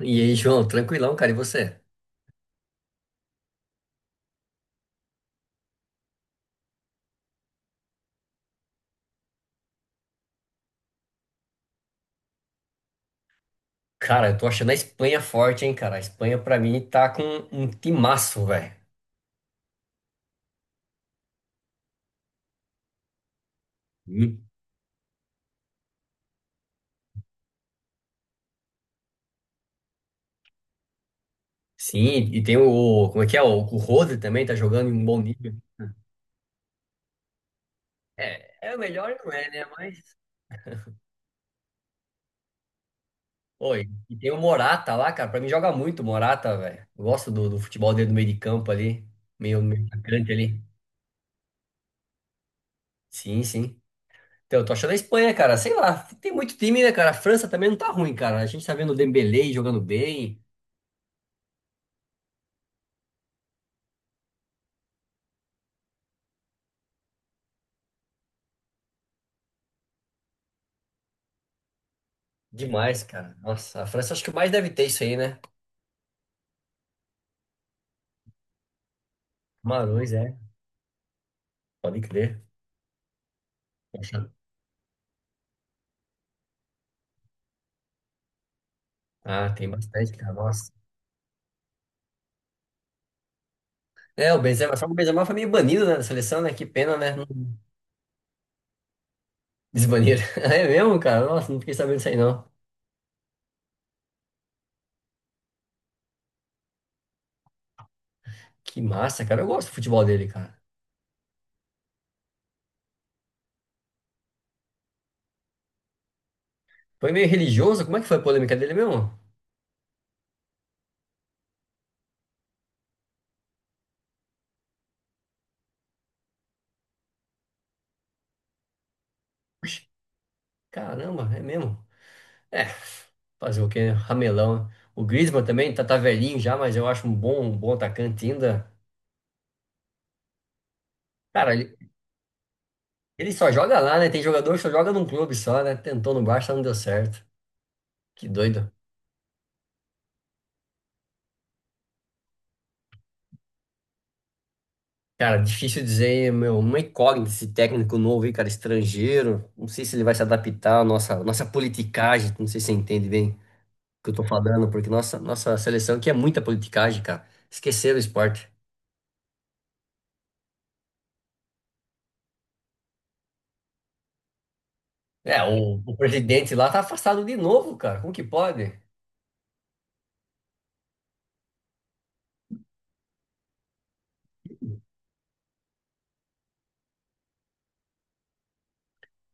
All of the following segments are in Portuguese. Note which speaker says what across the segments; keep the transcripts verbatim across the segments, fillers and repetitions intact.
Speaker 1: E aí, João, tranquilão, cara, e você? Cara, eu tô achando a Espanha forte, hein, cara. A Espanha, pra mim, tá com um timaço, velho. Hum. Sim, e tem o. Como é que é? O, o Rodri também tá jogando em um bom nível. É, é o melhor, não é, né? Mas. Oi, e tem o Morata lá, cara. Pra mim, joga muito o Morata, velho. Eu Gosto do, do futebol dele no meio de campo ali. Meio meio atacante ali. Sim, sim. Então, eu tô achando a Espanha, cara. Sei lá, tem muito time, né, cara? A França também não tá ruim, cara. A gente tá vendo o Dembélé jogando bem. Demais, cara. Nossa, a França acho que mais deve ter isso aí, né? Camarões, é. Pode crer. Ah, tem bastante, cara. Nossa. É, o Benzema, só que o Benzema foi meio banido, né, da seleção, né? Que pena, né? Não. Desbaniram. É mesmo, cara? Nossa, não fiquei sabendo disso aí, não. Que massa, cara. Eu gosto do futebol dele, cara. Foi meio religioso. Como é que foi a polêmica dele mesmo? Puxa, caramba, é mesmo. É, fazer o quê? Né? Ramelão. O Griezmann também tá, tá velhinho já, mas eu acho um bom, um bom atacante ainda. Cara, ele só joga lá, né? Tem jogador que só joga num clube só, né? Tentou no Barça, não deu certo. Que doido. Cara, difícil dizer, meu, uma incógnita esse técnico novo aí, cara, estrangeiro. Não sei se ele vai se adaptar à nossa, nossa politicagem. Não sei se você entende bem o que eu tô falando, porque nossa, nossa seleção aqui é muita politicagem, cara. Esqueceram o esporte. É, o, o presidente lá tá afastado de novo, cara. Como que pode?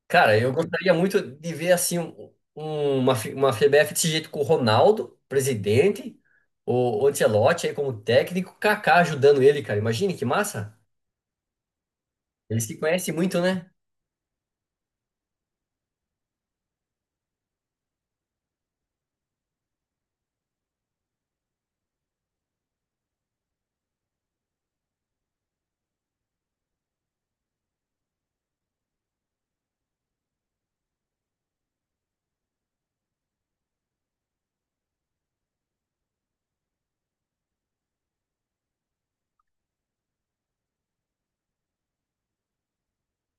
Speaker 1: Cara, eu gostaria muito de ver assim um- um, uma, F- uma F B F desse jeito com o Ronaldo, presidente, o o Ancelotti aí como técnico, o Kaká ajudando ele, cara. Imagine que massa. Eles se conhecem muito, né?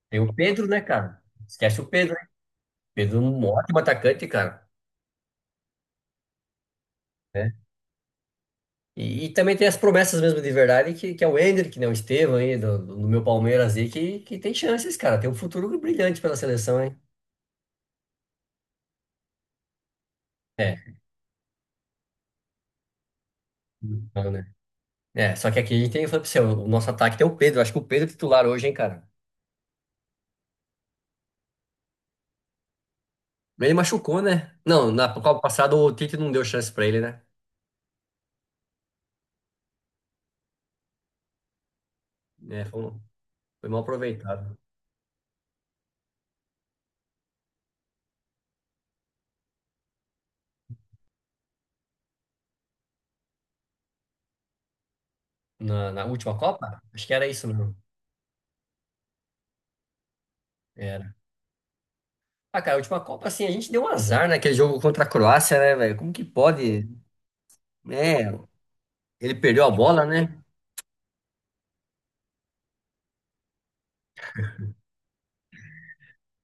Speaker 1: Tem o Pedro, né, cara? Esquece o Pedro, né? Pedro é um ótimo atacante, cara. Né? E, e também tem as promessas mesmo de verdade, que, que é o Endrick, né? O Estevão aí, do, do do meu Palmeiras aí, que, que tem chances, cara. Tem um futuro brilhante pela seleção, hein? É. É, só que aqui a gente tem, eu falei pra você, o nosso ataque tem o Pedro. Acho que o Pedro é titular hoje, hein, cara. Ele machucou, né? Não, na Copa passada o Tite não deu chance pra ele, né? É, foi, um- foi mal aproveitado. Na, na última Copa? Acho que era isso mesmo. Era. Ah, cara, a última Copa, assim, a gente deu um azar naquele jogo contra a Croácia, né, velho? Como que pode? É, ele perdeu a bola, né?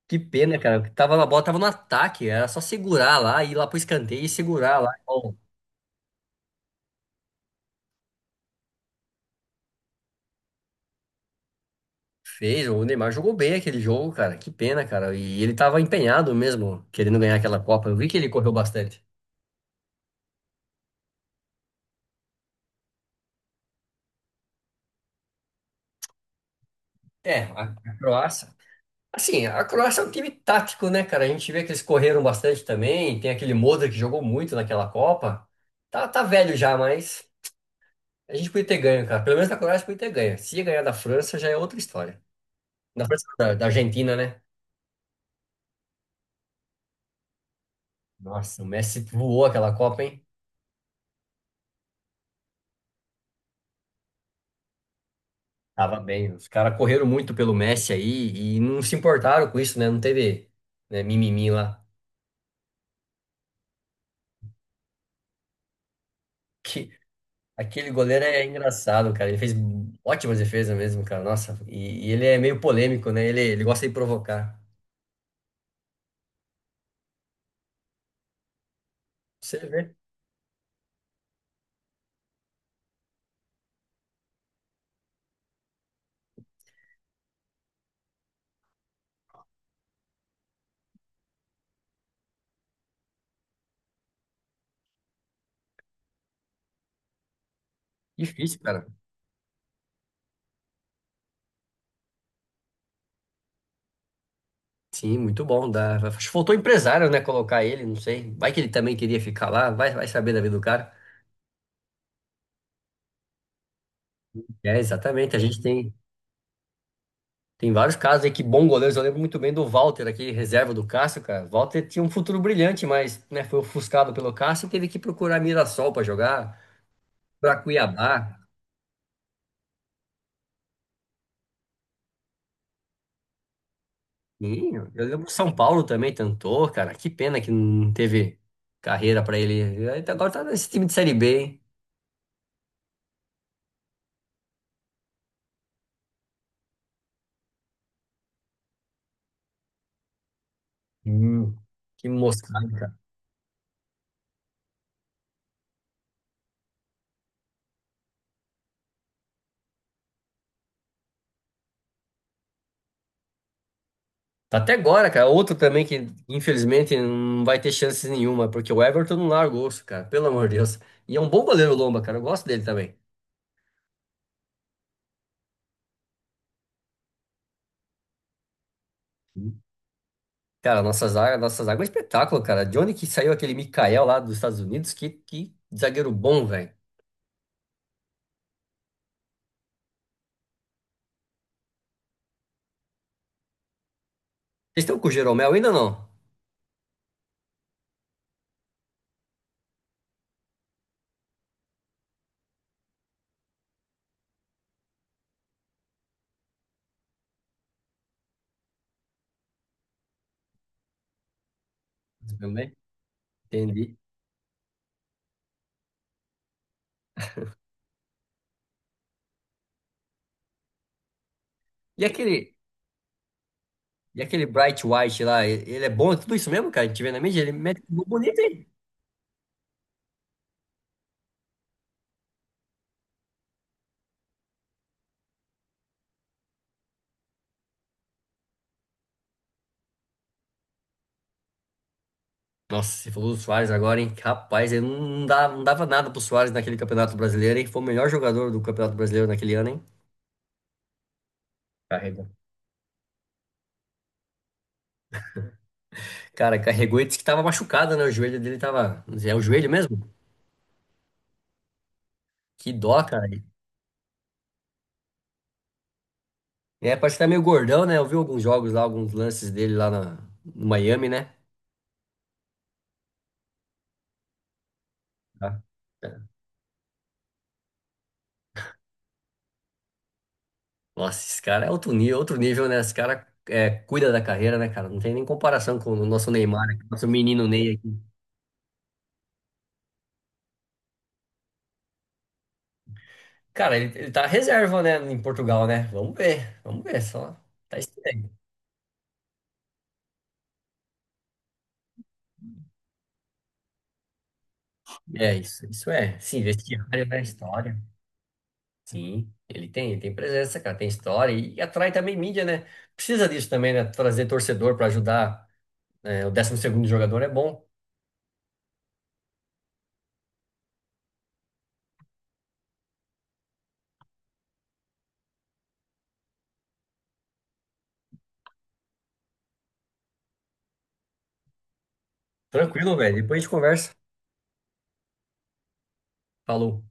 Speaker 1: Que pena, cara. Tava, a bola tava no ataque, era só segurar lá, ir lá pro escanteio e segurar lá. Fez, o Neymar jogou bem aquele jogo, cara. Que pena, cara. E ele tava empenhado mesmo, querendo ganhar aquela Copa. Eu vi que ele correu bastante. É, a a Croácia. Assim, a Croácia é um time tático, né, cara? A gente vê que eles correram bastante também. Tem aquele Modric que jogou muito naquela Copa. Tá, tá velho já, mas a gente podia ter ganho, cara. Pelo menos a Croácia podia ter ganho. Se ia ganhar da França, já é outra história. Da França, não, da, da Argentina, né? Nossa, o Messi voou aquela Copa, hein? Tava bem. Os caras correram muito pelo Messi aí e não se importaram com isso, né? Não teve, né, mimimi lá. Que, aquele goleiro é engraçado, cara. Ele fez ótimas defesas mesmo, cara. Nossa, e, e ele é meio polêmico, né? Ele, ele gosta de provocar. Você vê. Difícil, cara. Sim, muito bom. Dá. Acho que faltou empresário, né? Colocar ele, não sei. Vai que ele também queria ficar lá. Vai, vai saber da vida do cara. É, exatamente. A gente tem. Tem vários casos aí que bons goleiros. Eu lembro muito bem do Walter, aquele reserva do Cássio, cara. Walter tinha um futuro brilhante, mas né, foi ofuscado pelo Cássio e teve que procurar Mirassol para jogar, para Cuiabá. E eu lembro que São Paulo também tentou, cara. Que pena que não teve carreira para ele. Ele tá- agora tá nesse time de Série B, hein? Hum. Que moscada, cara. Tá até agora, cara. Outro também que, infelizmente, não vai ter chances nenhuma, porque o Everton não largou, cara. Pelo amor de Deus. E é um bom goleiro, o Lomba, cara. Eu gosto dele também. Cara, nossa zaga, nossa zaga é um espetáculo, cara. De onde que saiu aquele Mikael lá dos Estados Unidos? Que, que zagueiro bom, velho. Vocês estão com o Jeromel ainda ou não? Jeromel? Entendi. E aquele, e aquele Bright White lá, e- ele é bom? É tudo isso mesmo, cara? A gente vê na mídia, ele mete um gol bonito, hein? Nossa, você falou do Suárez agora, hein? Rapaz, ele não, não dá, não dava nada pro Suárez naquele Campeonato Brasileiro, hein? Foi o melhor jogador do Campeonato Brasileiro naquele ano, hein? Carregou. Cara, carregou e disse que tava machucado, né? O joelho dele tava. É o joelho mesmo? Que dó, cara. É, parece que tá meio gordão, né? Eu vi alguns jogos lá, alguns lances dele lá na, no Miami, né? Tá. É. Nossa, esse cara é outro nível, outro nível, né? Esse cara é, cuida da carreira, né, cara? Não tem nem comparação com o nosso Neymar, né? Nosso menino Ney aqui. Cara, ele, ele tá reserva, né, em Portugal, né? Vamos ver, vamos ver só. Tá estranho. É isso, isso é. Sim, vestiário, né? História. Sim, ele tem, ele tem presença, cara, tem história e, e atrai também mídia, né? Precisa disso também, né? Trazer torcedor pra ajudar. Né? O décimo segundo jogador é bom. Tranquilo, velho. Depois a gente conversa. Falou.